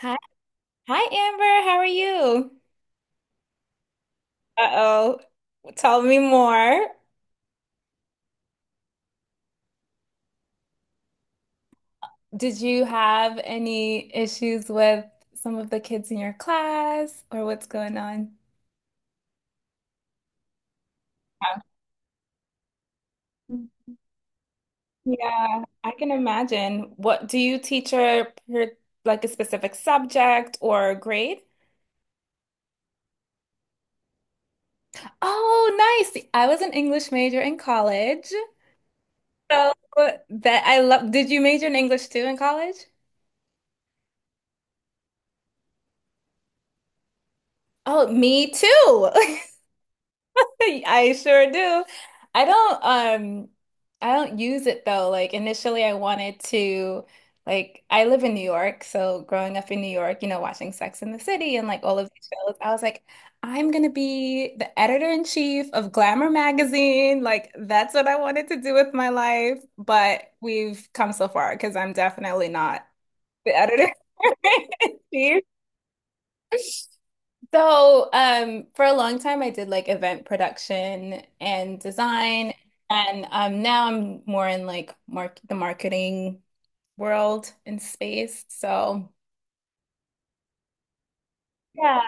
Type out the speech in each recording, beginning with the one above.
Hi, hi Amber, how are you? Uh-oh, tell me more. Did you have any issues with some of the kids in your class or what's going on? Yeah, Yeah, I can imagine. What do you teach her per- like a specific subject or grade? Oh, nice. I was an English major in college. So that I love. Did you major in English too in college? Oh, me too. I sure do. I don't um I don't use it though. Like initially I wanted to, like, I live in New York, so growing up in New York, you know, watching Sex and the City and like all of these shows, I was like, I'm gonna be the editor in chief of Glamour magazine. Like that's what I wanted to do with my life, but we've come so far because I'm definitely not the editor in chief. So, for a long time, I did like event production and design, and now I'm more in like mark the marketing world and space. So, yeah.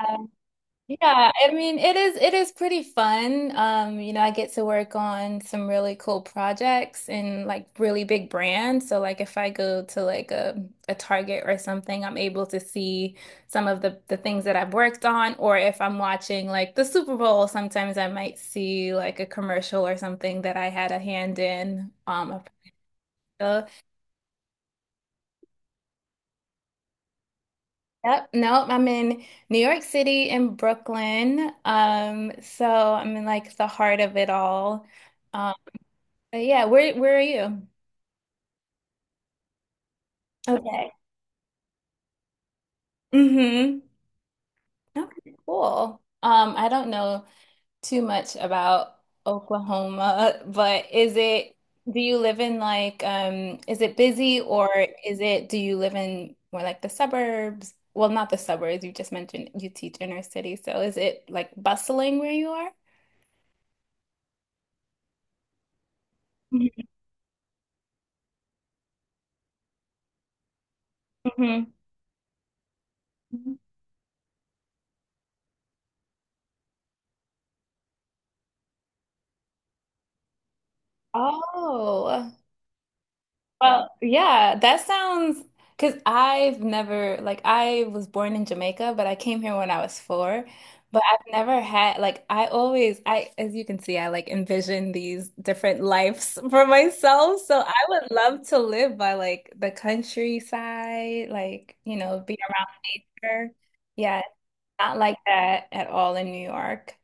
Yeah, I mean, it is pretty fun. You know, I get to work on some really cool projects and like really big brands. So like if I go to like a Target or something, I'm able to see some of the things that I've worked on. Or if I'm watching like the Super Bowl, sometimes I might see like a commercial or something that I had a hand in. So, yep, nope, I'm in New York City and Brooklyn. So I'm in like the heart of it all. But yeah, where are you? Okay. Mm-hmm. Okay, cool. I don't know too much about Oklahoma, but is it do you live in like is it busy, or is it do you live in more like the suburbs? Well, not the suburbs, you just mentioned you teach inner city, so is it like bustling where you are? Mhm. Mhm. Oh, well, yeah, that sounds because I've never, like, I was born in Jamaica, but I came here when I was four. But I've never had, like, I as you can see, I like envision these different lives for myself. So I would love to live by like the countryside, like, you know, be around her. Yeah, it's not like that at all in New York.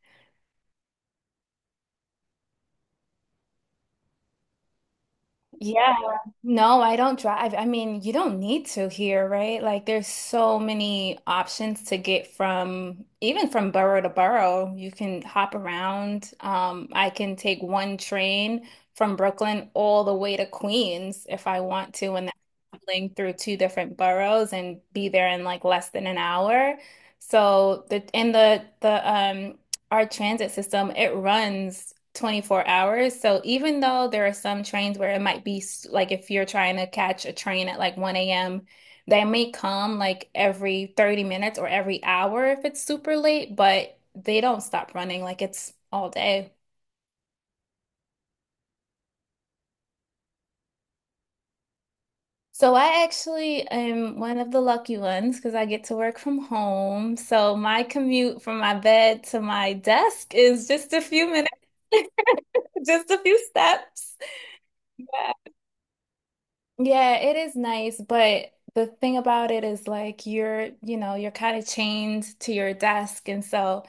Yeah, no, I don't drive. I mean, you don't need to here, right? Like there's so many options to get from even from borough to borough. You can hop around. I can take one train from Brooklyn all the way to Queens if I want to, and that's traveling through two different boroughs and be there in like less than an hour. So the and the the our transit system, it runs 24 hours. So even though there are some trains where it might be like if you're trying to catch a train at like 1 a.m., they may come like every 30 minutes or every hour if it's super late, but they don't stop running, like, it's all day. So I actually am one of the lucky ones because I get to work from home. So my commute from my bed to my desk is just a few minutes, just a few steps. Yeah, it is nice, but the thing about it is like you're, you know, you're kind of chained to your desk. And so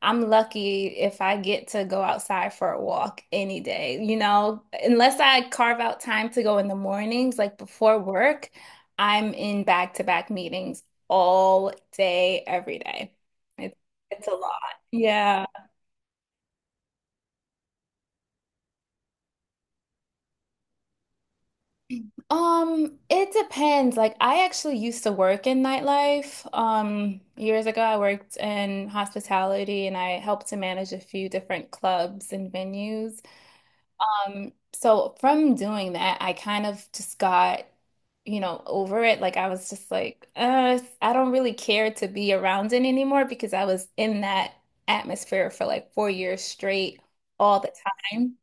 I'm lucky if I get to go outside for a walk any day, you know, unless I carve out time to go in the mornings, like before work, I'm in back-to-back meetings all day, every day. It's it's a lot. Yeah. It depends. Like I actually used to work in nightlife. Years ago I worked in hospitality and I helped to manage a few different clubs and venues. So from doing that, I kind of just got, you know, over it. Like I was just like, I don't really care to be around it anymore because I was in that atmosphere for like 4 years straight all the time.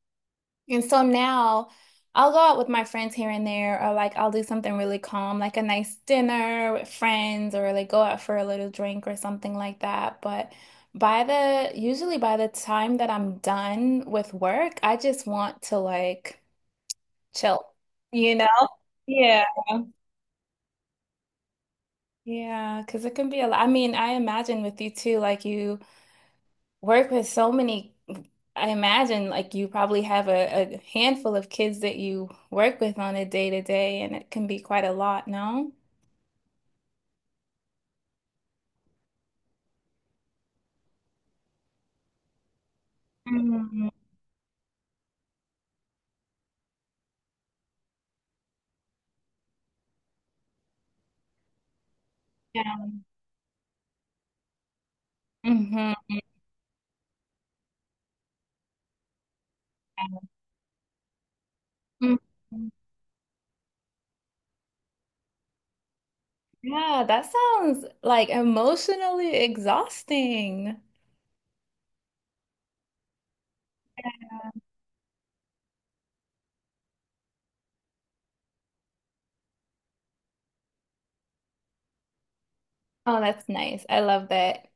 And so now I'll go out with my friends here and there, or like I'll do something really calm, like a nice dinner with friends, or like go out for a little drink or something like that. But by the usually by the time that I'm done with work, I just want to like chill, you know? Yeah. Yeah, because it can be a lot. I mean, I imagine with you too, like you work with so many, I imagine like you probably have a handful of kids that you work with on a day to day, and it can be quite a lot, no? Mm, yeah. Hmm. Yeah, that sounds like emotionally exhausting. Oh, that's nice. I love that.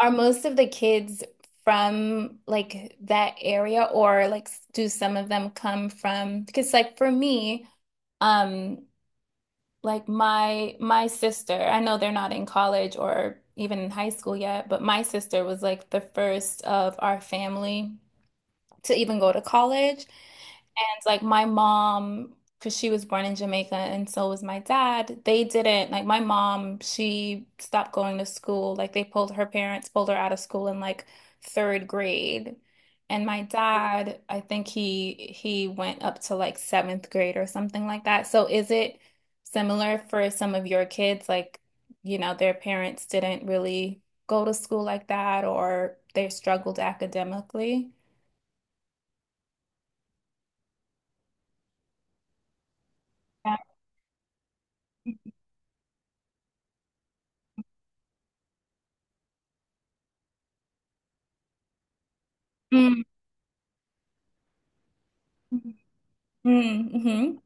Are most of the kids from like that area, or like do some of them come from, because like for me, um like my sister, I know they're not in college or even in high school yet, but my sister was like the first of our family to even go to college. And like my mom, because she was born in Jamaica and so was my dad, they didn't, like, my mom, she stopped going to school. Like they pulled her, parents pulled her out of school in like third grade. And my dad, I think he went up to like seventh grade or something like that. So is it similar for some of your kids? Like, you know, their parents didn't really go to school like that, or they struggled academically? Yeah. Mm, mm, mhm.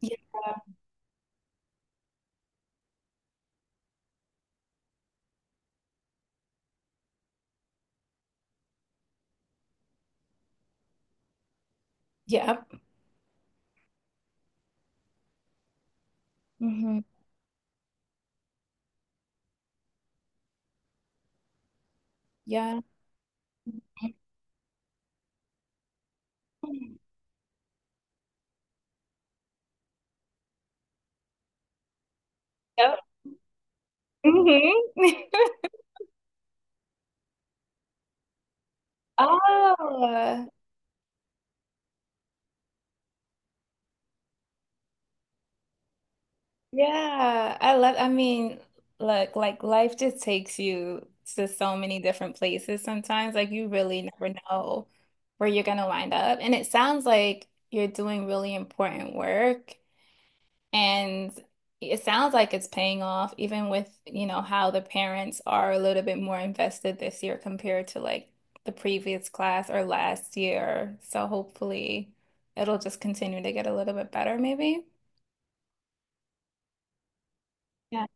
Yeah. Yep. Mhm. Yeah. Mhm. Yep. Mhm. Oh, yeah. I love, I mean, look, like life just takes you to so many different places sometimes. Like you really never know where you're gonna wind up. And it sounds like you're doing really important work. And it sounds like it's paying off, even with, you know, how the parents are a little bit more invested this year compared to like the previous class or last year. So hopefully it'll just continue to get a little bit better, maybe. Yeah.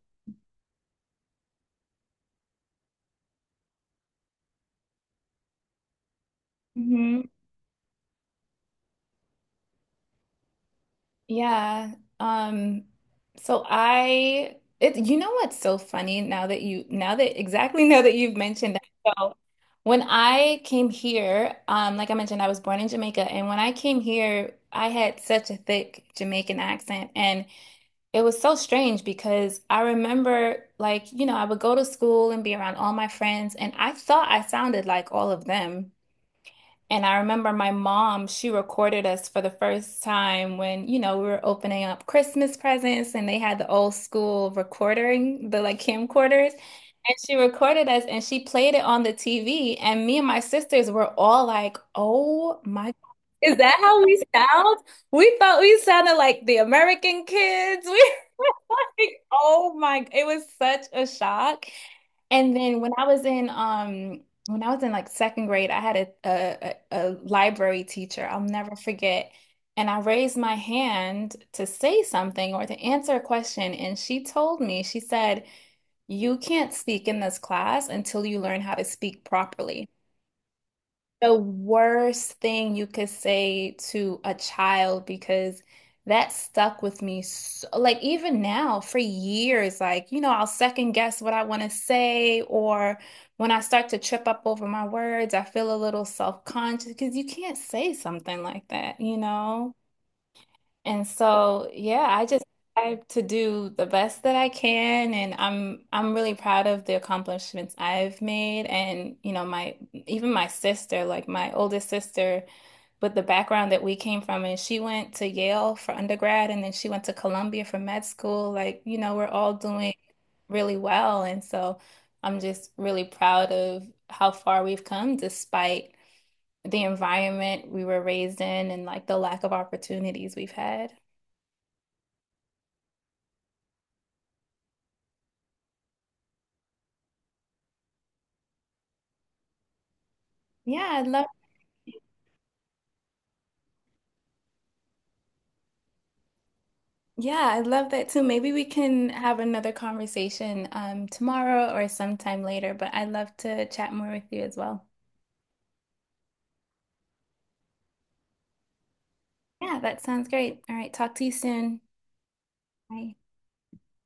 Yeah. Um, so I it You know what's so funny, now that you, now that exactly, now that you've mentioned that. So when I came here, like I mentioned, I was born in Jamaica, and when I came here, I had such a thick Jamaican accent, and it was so strange because I remember, like, you know, I would go to school and be around all my friends, and I thought I sounded like all of them. And I remember my mom, she recorded us for the first time when, you know, we were opening up Christmas presents and they had the old school recording, the like camcorders. And she recorded us and she played it on the TV. And me and my sisters were all like, oh my God, is that how we sound? We thought we sounded like the American kids. We were like, oh my, it was such a shock. And then when I was in like second grade, I had a library teacher. I'll never forget. And I raised my hand to say something or to answer a question, and she told me, she said, "You can't speak in this class until you learn how to speak properly." The worst thing you could say to a child, because that stuck with me, so, like, even now for years, like, you know, I'll second guess what I want to say, or when I start to trip up over my words I feel a little self-conscious, because you can't say something like that, you know. And so, yeah, I just try to do the best that I can, and I'm really proud of the accomplishments I've made. And you know, my, even my sister, like my oldest sister, with the background that we came from, and she went to Yale for undergrad, and then she went to Columbia for med school. Like, you know, we're all doing really well, and so I'm just really proud of how far we've come, despite the environment we were raised in and like the lack of opportunities we've had. Yeah, I love yeah, I love that too. Maybe we can have another conversation tomorrow or sometime later, but I'd love to chat more with you as well. Yeah, that sounds great. All right, talk to you soon. Bye.